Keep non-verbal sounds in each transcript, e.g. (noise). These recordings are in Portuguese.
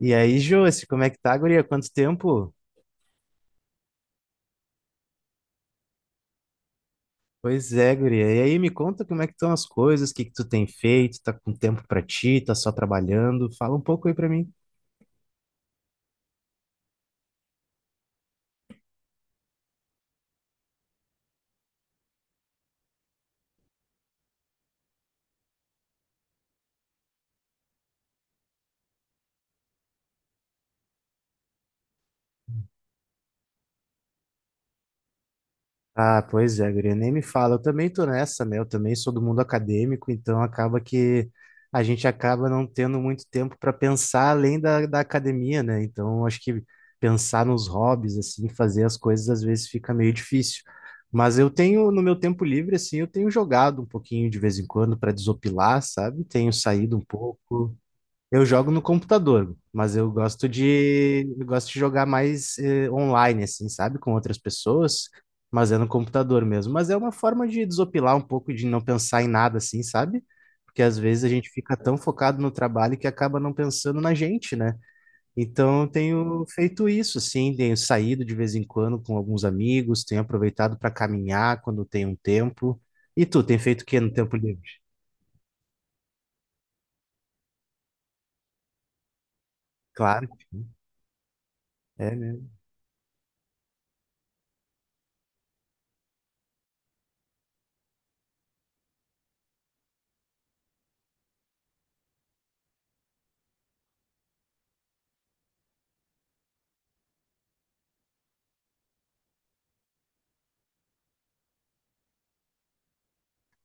E aí, Josi, como é que tá, guria? Quanto tempo? Pois é, guria. E aí, me conta como é que estão as coisas, o que que tu tem feito, tá com tempo pra ti, tá só trabalhando? Fala um pouco aí pra mim. Ah, pois é, guria, nem me fala. Eu também tô nessa, né? Eu também sou do mundo acadêmico, então acaba que a gente acaba não tendo muito tempo para pensar além da academia, né? Então, acho que pensar nos hobbies, assim, fazer as coisas às vezes fica meio difícil. Mas eu tenho, no meu tempo livre, assim, eu tenho jogado um pouquinho de vez em quando para desopilar, sabe? Tenho saído um pouco. Eu jogo no computador, mas eu gosto de jogar mais online, assim, sabe? Com outras pessoas, mas é no computador mesmo. Mas é uma forma de desopilar um pouco, de não pensar em nada, assim, sabe? Porque às vezes a gente fica tão focado no trabalho que acaba não pensando na gente, né? Então eu tenho feito isso, assim, tenho saído de vez em quando com alguns amigos, tenho aproveitado para caminhar quando tem um tempo. E tu, tem feito o que no tempo livre? Claro, é mesmo.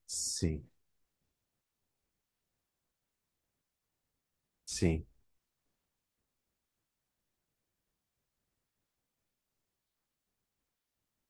Sim, sim.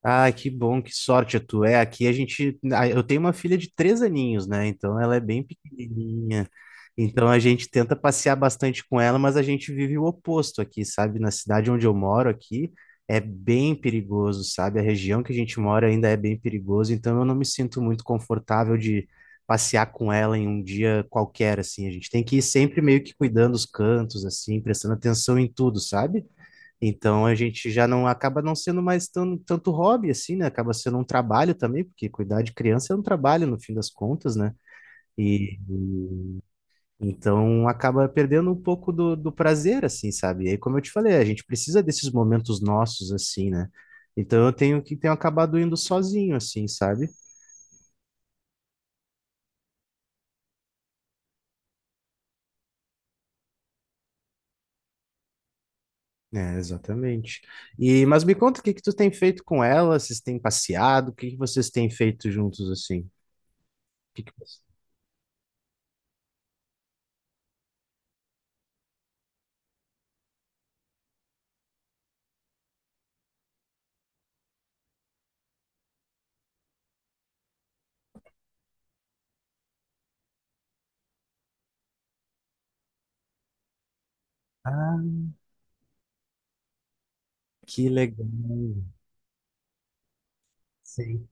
Ai, que bom, que sorte tu é. Aqui a gente. Eu tenho uma filha de três aninhos, né? Então ela é bem pequenininha. Então a gente tenta passear bastante com ela, mas a gente vive o oposto aqui, sabe? Na cidade onde eu moro aqui é bem perigoso, sabe? A região que a gente mora ainda é bem perigoso, então eu não me sinto muito confortável de passear com ela em um dia qualquer, assim. A gente tem que ir sempre meio que cuidando os cantos, assim, prestando atenção em tudo, sabe? Então a gente já não acaba não sendo mais tão, tanto hobby assim, né? Acaba sendo um trabalho também, porque cuidar de criança é um trabalho no fim das contas, né? E então acaba perdendo um pouco do prazer, assim, sabe? E aí, como eu te falei, a gente precisa desses momentos nossos, assim, né? Então eu tenho acabado indo sozinho, assim, sabe? É, exatamente. E mas me conta o que que tu tem feito com ela? Vocês têm passeado? O que que vocês têm feito juntos assim? O que que você- Ah, que legal. Sim.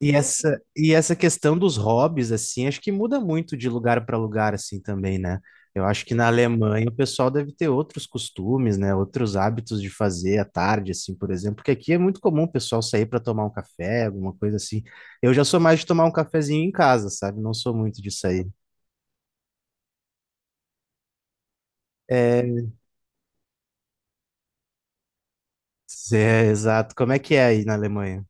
E essa questão dos hobbies, assim, acho que muda muito de lugar para lugar, assim, também, né? Eu acho que na Alemanha o pessoal deve ter outros costumes, né? Outros hábitos de fazer à tarde, assim, por exemplo, porque aqui é muito comum o pessoal sair para tomar um café, alguma coisa assim. Eu já sou mais de tomar um cafezinho em casa, sabe? Não sou muito de sair. É, exato. Como é que é aí na Alemanha?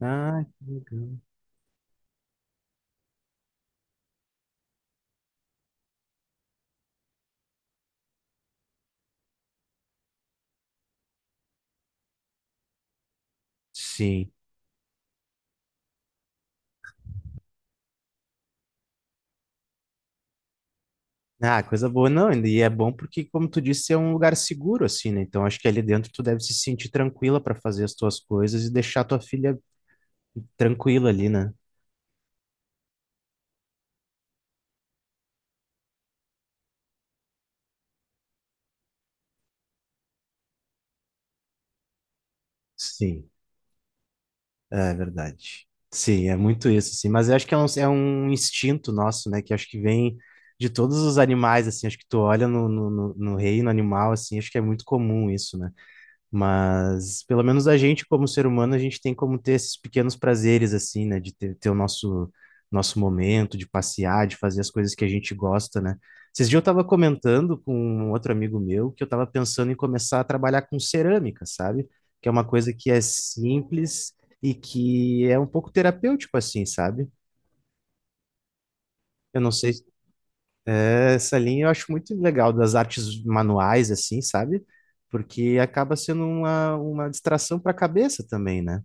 Ah, que legal. Sim. Ah, coisa boa, não, e é bom porque, como tu disse, é um lugar seguro, assim, né? Então, acho que ali dentro tu deve se sentir tranquila para fazer as tuas coisas e deixar tua filha tranquila ali, né? Sim, é verdade. Sim, é muito isso, assim, mas eu acho que é um instinto nosso, né? Que acho que vem de todos os animais, assim, acho que tu olha no reino animal, assim, acho que é muito comum isso, né? Mas pelo menos a gente, como ser humano, a gente tem como ter esses pequenos prazeres, assim, né? De ter, ter o nosso, nosso momento, de passear, de fazer as coisas que a gente gosta, né? Esses dias eu estava comentando com um outro amigo meu que eu estava pensando em começar a trabalhar com cerâmica, sabe? Que é uma coisa que é simples e que é um pouco terapêutico, assim, sabe? Eu não sei, essa linha eu acho muito legal das artes manuais, assim, sabe? Porque acaba sendo uma distração para a cabeça também, né?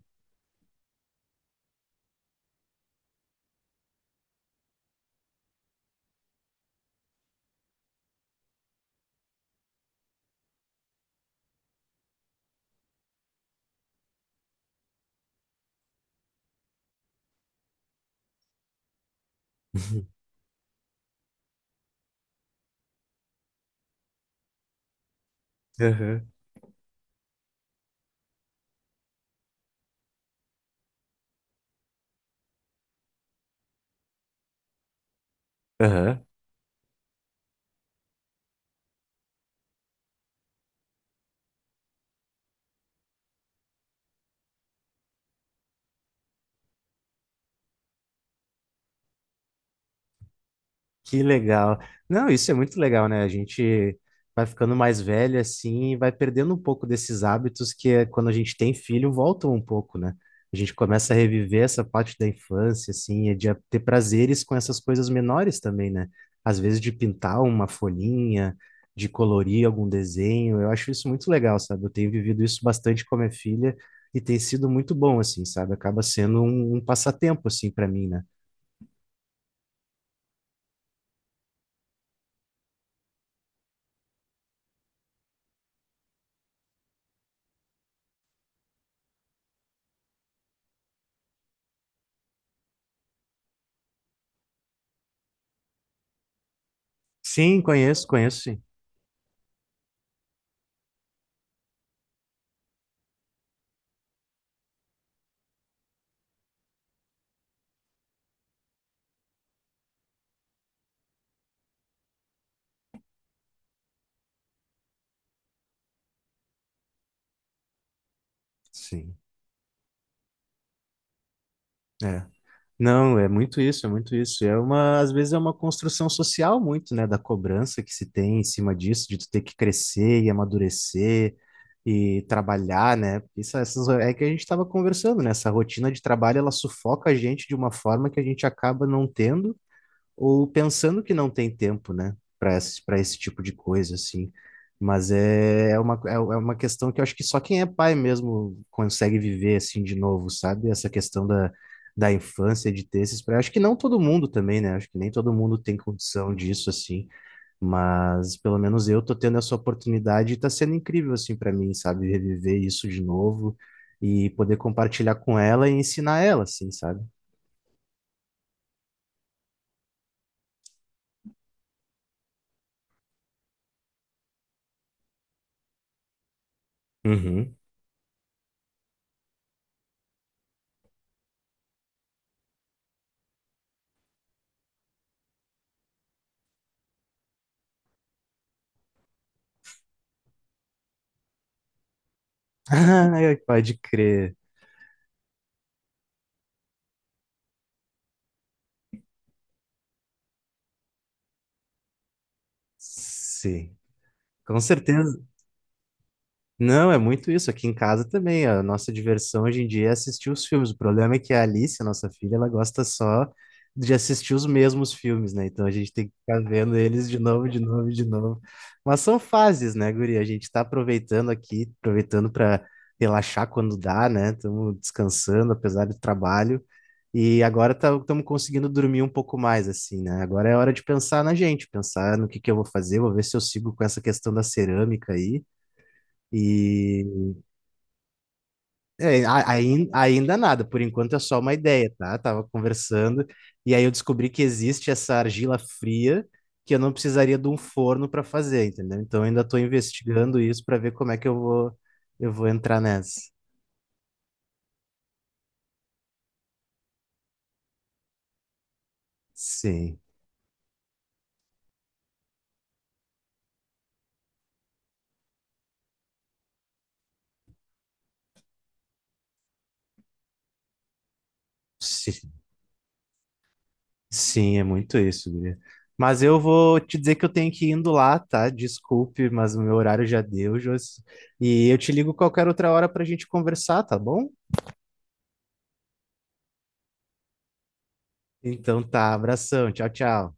Aham, aham. Que legal. Não, isso é muito legal, né? A gente vai ficando mais velho assim e vai perdendo um pouco desses hábitos que é, quando a gente tem filho voltam um pouco, né? A gente começa a reviver essa parte da infância, assim, e de ter prazeres com essas coisas menores também, né? Às vezes de pintar uma folhinha, de colorir algum desenho. Eu acho isso muito legal, sabe? Eu tenho vivido isso bastante com a minha filha e tem sido muito bom, assim, sabe? Acaba sendo um, um passatempo, assim, para mim, né? Sim, conheço, conheço, sim. Sim, é. Não, é muito isso, é muito isso. É uma, às vezes é uma construção social muito, né, da cobrança que se tem em cima disso, de tu ter que crescer e amadurecer e trabalhar, né? Isso, essas, é que a gente estava conversando, né? Essa rotina de trabalho, ela sufoca a gente de uma forma que a gente acaba não tendo ou pensando que não tem tempo, né, para esse tipo de coisa, assim. Mas é, é uma, é uma questão que eu acho que só quem é pai mesmo consegue viver, assim, de novo, sabe? Essa questão da infância, de ter esses... Acho que não todo mundo também, né? Acho que nem todo mundo tem condição disso, assim. Mas pelo menos eu tô tendo essa oportunidade e tá sendo incrível, assim, para mim, sabe? Reviver isso de novo e poder compartilhar com ela e ensinar ela, assim, sabe? Uhum. (laughs) Ai, pode crer. Sim, com certeza. Não, é muito isso. Aqui em casa também, a nossa diversão hoje em dia é assistir os filmes. O problema é que a Alice, a nossa filha, ela gosta só de assistir os mesmos filmes, né? Então a gente tem que ficar vendo eles de novo, de novo, de novo. Mas são fases, né, guria? A gente está aproveitando aqui, aproveitando para relaxar quando dá, né? Estamos descansando, apesar do trabalho. E agora estamos conseguindo dormir um pouco mais, assim, né? Agora é hora de pensar na gente, pensar no que eu vou fazer, vou ver se eu sigo com essa questão da cerâmica aí. E é, ainda nada, por enquanto é só uma ideia, tá? Tava conversando e aí eu descobri que existe essa argila fria que eu não precisaria de um forno para fazer, entendeu? Então eu ainda estou investigando isso para ver como é que eu vou entrar nessa. Sim, sim, sim, é muito isso, guria. Mas eu vou te dizer que eu tenho que ir indo lá, tá? Desculpe, mas o meu horário já deu, Josi. E eu te ligo qualquer outra hora para a gente conversar, tá bom? Então tá, abração, tchau, tchau.